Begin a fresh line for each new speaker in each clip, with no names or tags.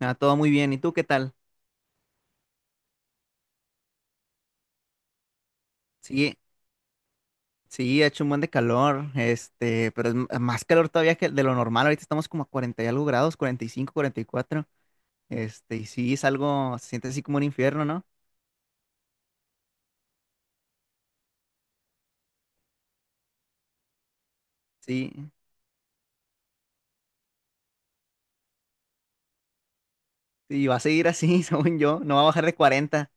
Ah, todo muy bien. ¿Y tú qué tal? Sí, sí, ha hecho un buen de calor, pero es más calor todavía que de lo normal. Ahorita estamos como a 40 y algo grados, 40, 45, 44. Y sí, es algo, se siente así como un infierno, ¿no? Sí, y va a seguir así, según yo, no va a bajar de 40.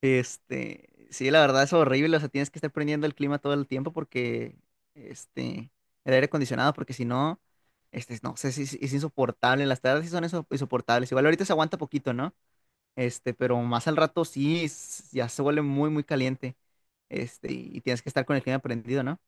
Sí, la verdad es horrible, o sea, tienes que estar prendiendo el clima todo el tiempo porque, este, el aire acondicionado, porque si no, no sé, si es, es insoportable. Las tardes sí son insoportables. Igual ahorita se aguanta poquito, ¿no? Pero más al rato sí, ya se vuelve muy, muy caliente. Y tienes que estar con el clima prendido, ¿no?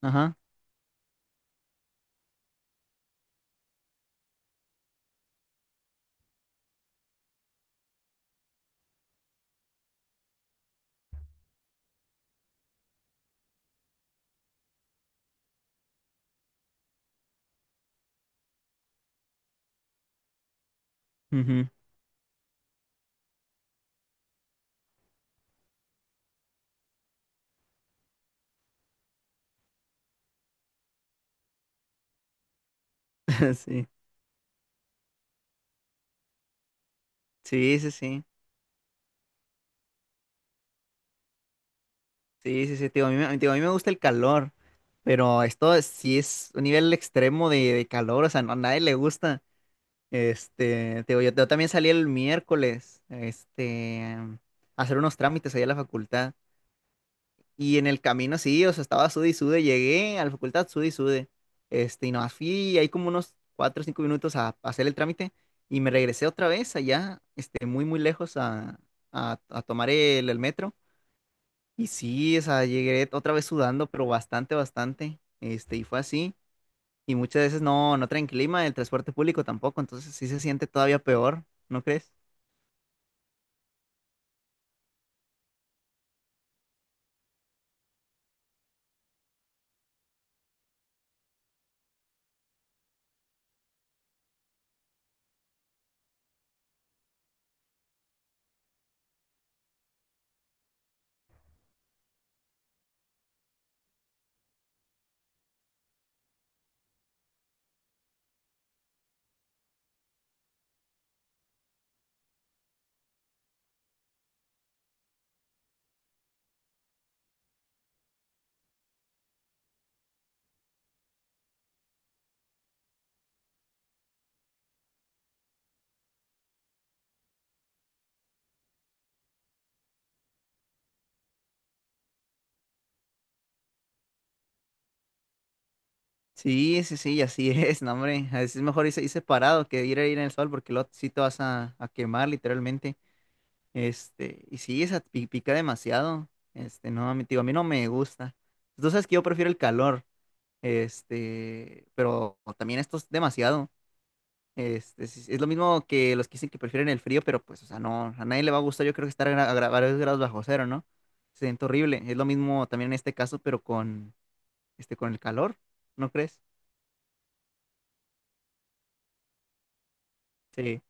Ajá. Ujú. Sí. Sí, sí, sí. Sí, sí, sí. Tío, a mí, digo, a mí me gusta el calor, pero esto sí es un nivel extremo de calor, o sea, no, a nadie le gusta. Te digo, yo también salí el miércoles, a hacer unos trámites ahí a la facultad. Y en el camino sí, o sea, estaba sude y sude, llegué a la facultad sude y sude. Y nomás fui ahí como unos cuatro o cinco minutos a hacer el trámite y me regresé otra vez allá, muy, muy lejos a tomar el metro. Y sí, o sea, llegué otra vez sudando, pero bastante, bastante. Y fue así. Y muchas veces no traen clima, el transporte público tampoco, entonces sí se siente todavía peor, ¿no crees? Sí, sí, sí, así es, no, hombre. A veces es mejor irse parado que ir a ir en el sol porque luego sí te vas a quemar literalmente. Y sí, esa pica demasiado. No, a mí, digo, a mí no me gusta. Tú sabes que yo prefiero el calor. Pero también esto es demasiado. Es lo mismo que los que dicen que prefieren el frío, pero pues, o sea, no, a nadie le va a gustar, yo creo que estar a varios grados bajo cero, ¿no? Se siente horrible. Es lo mismo también en este caso, pero con el calor, ¿no crees? Sí.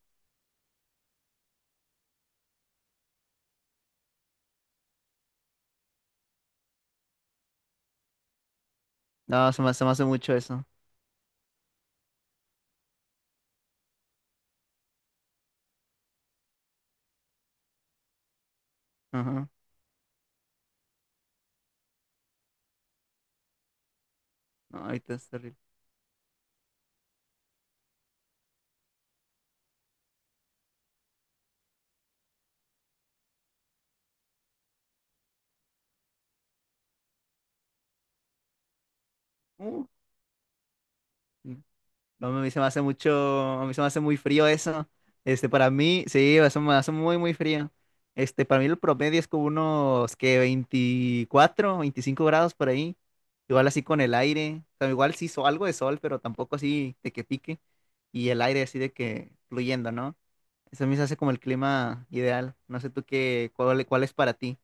No, se me hace mucho eso. Ajá. No, ahorita es terrible. Uh, sí. No, a mí se me hace mucho, a mí se me hace muy frío eso. Para mí, sí, se me hace muy, muy frío. Para mí el promedio es como unos, que 24, 25 grados por ahí. Igual así con el aire. O sea, igual sí, algo de sol, pero tampoco así de que pique. Y el aire así de que fluyendo, ¿no? Eso a mí se hace como el clima ideal. No sé tú qué, cuál es para ti.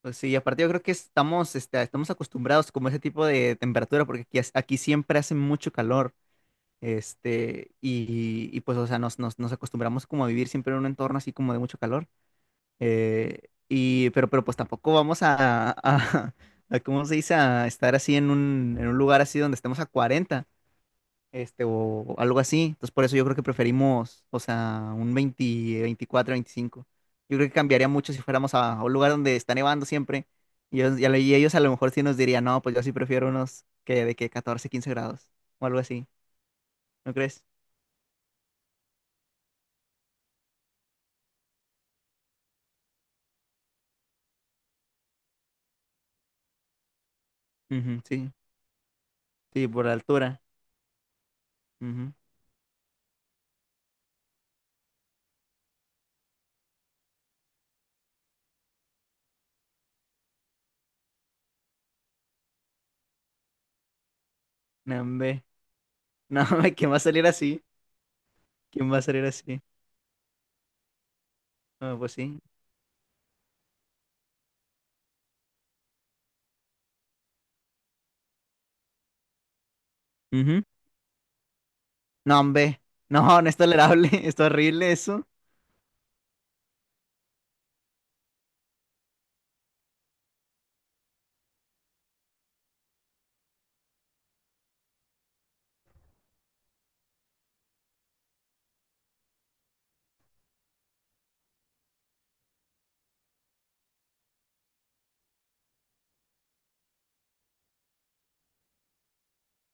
Pues sí, y aparte yo creo que estamos acostumbrados como a ese tipo de temperatura, porque aquí, aquí siempre hace mucho calor, y pues, o sea, nos acostumbramos como a vivir siempre en un entorno así como de mucho calor, pero pues tampoco vamos a, ¿cómo se dice? A estar así en un lugar así donde estemos a 40 o algo así. Entonces, por eso yo creo que preferimos, o sea, un 20, 24, 25. Yo creo que cambiaría mucho si fuéramos a un lugar donde está nevando siempre. Y ellos a lo mejor sí nos dirían, no, pues yo sí prefiero unos que de que 14, 15 grados o algo así. ¿No crees? Ujú, sí, sí, por la altura. Ujú. No, hombre. No, hombre, ¿quién va a salir así? ¿Quién va a salir así? Ah, pues sí. Ujú. No, hombre. No, no es tolerable. Es horrible eso.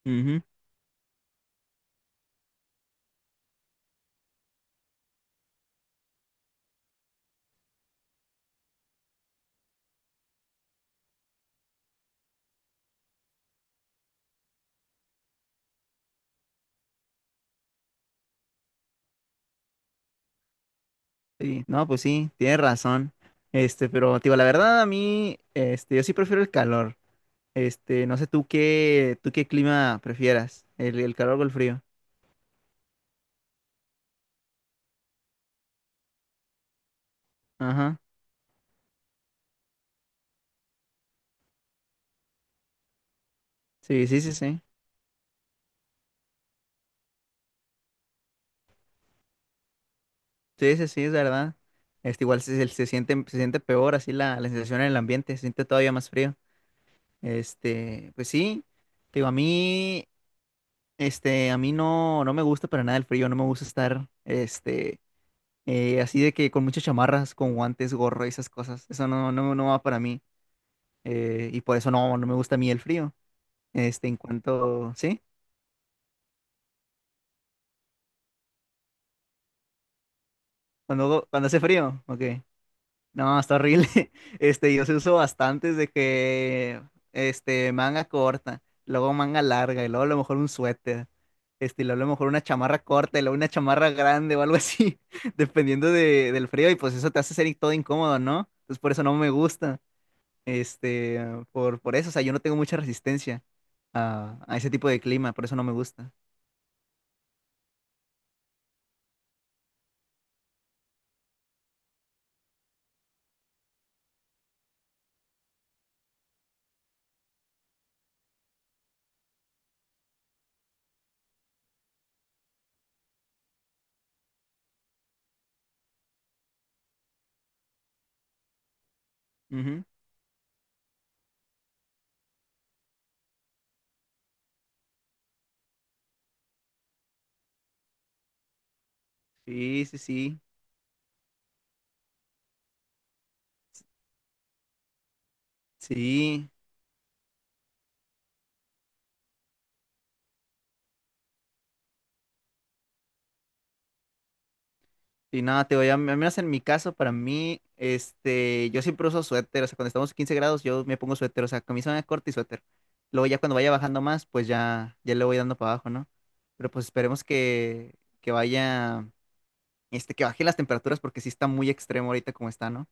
Ujú. Sí, no, pues sí, tienes razón. Pero te digo, la verdad a mí, yo sí prefiero el calor. No sé tú qué clima prefieras, el calor o el frío. Ajá. Sí, sí, sí, sí. Sí, sí, sí, es verdad. Igual se siente peor así la sensación en el ambiente, se siente todavía más frío. Pues sí, te digo, a mí no me gusta para nada el frío, no me gusta estar, así de que con muchas chamarras, con guantes, gorro y esas cosas. Eso no va para mí. Y por eso no me gusta a mí el frío. En cuanto, ¿sí? Cuando hace frío, ok. No, está horrible. Yo se uso bastantes de que, manga corta, luego manga larga, y luego a lo mejor un suéter. Y luego a lo mejor una chamarra corta, y luego una chamarra grande o algo así, dependiendo del frío. Y pues eso te hace ser todo incómodo, ¿no? Entonces por eso no me gusta. Este, por eso, o sea, yo no tengo mucha resistencia a ese tipo de clima, por eso no me gusta. Ujú. Sí, sí, sí. Sí. Y nada, al menos en mi caso, para mí, yo siempre uso suéter, o sea, cuando estamos a 15 grados, yo me pongo suéter, o sea, camisa corta y suéter. Luego ya cuando vaya bajando más, pues ya le voy dando para abajo, ¿no? Pero pues esperemos que vaya, que baje las temperaturas porque sí está muy extremo ahorita como está, ¿no?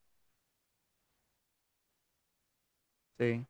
Sí.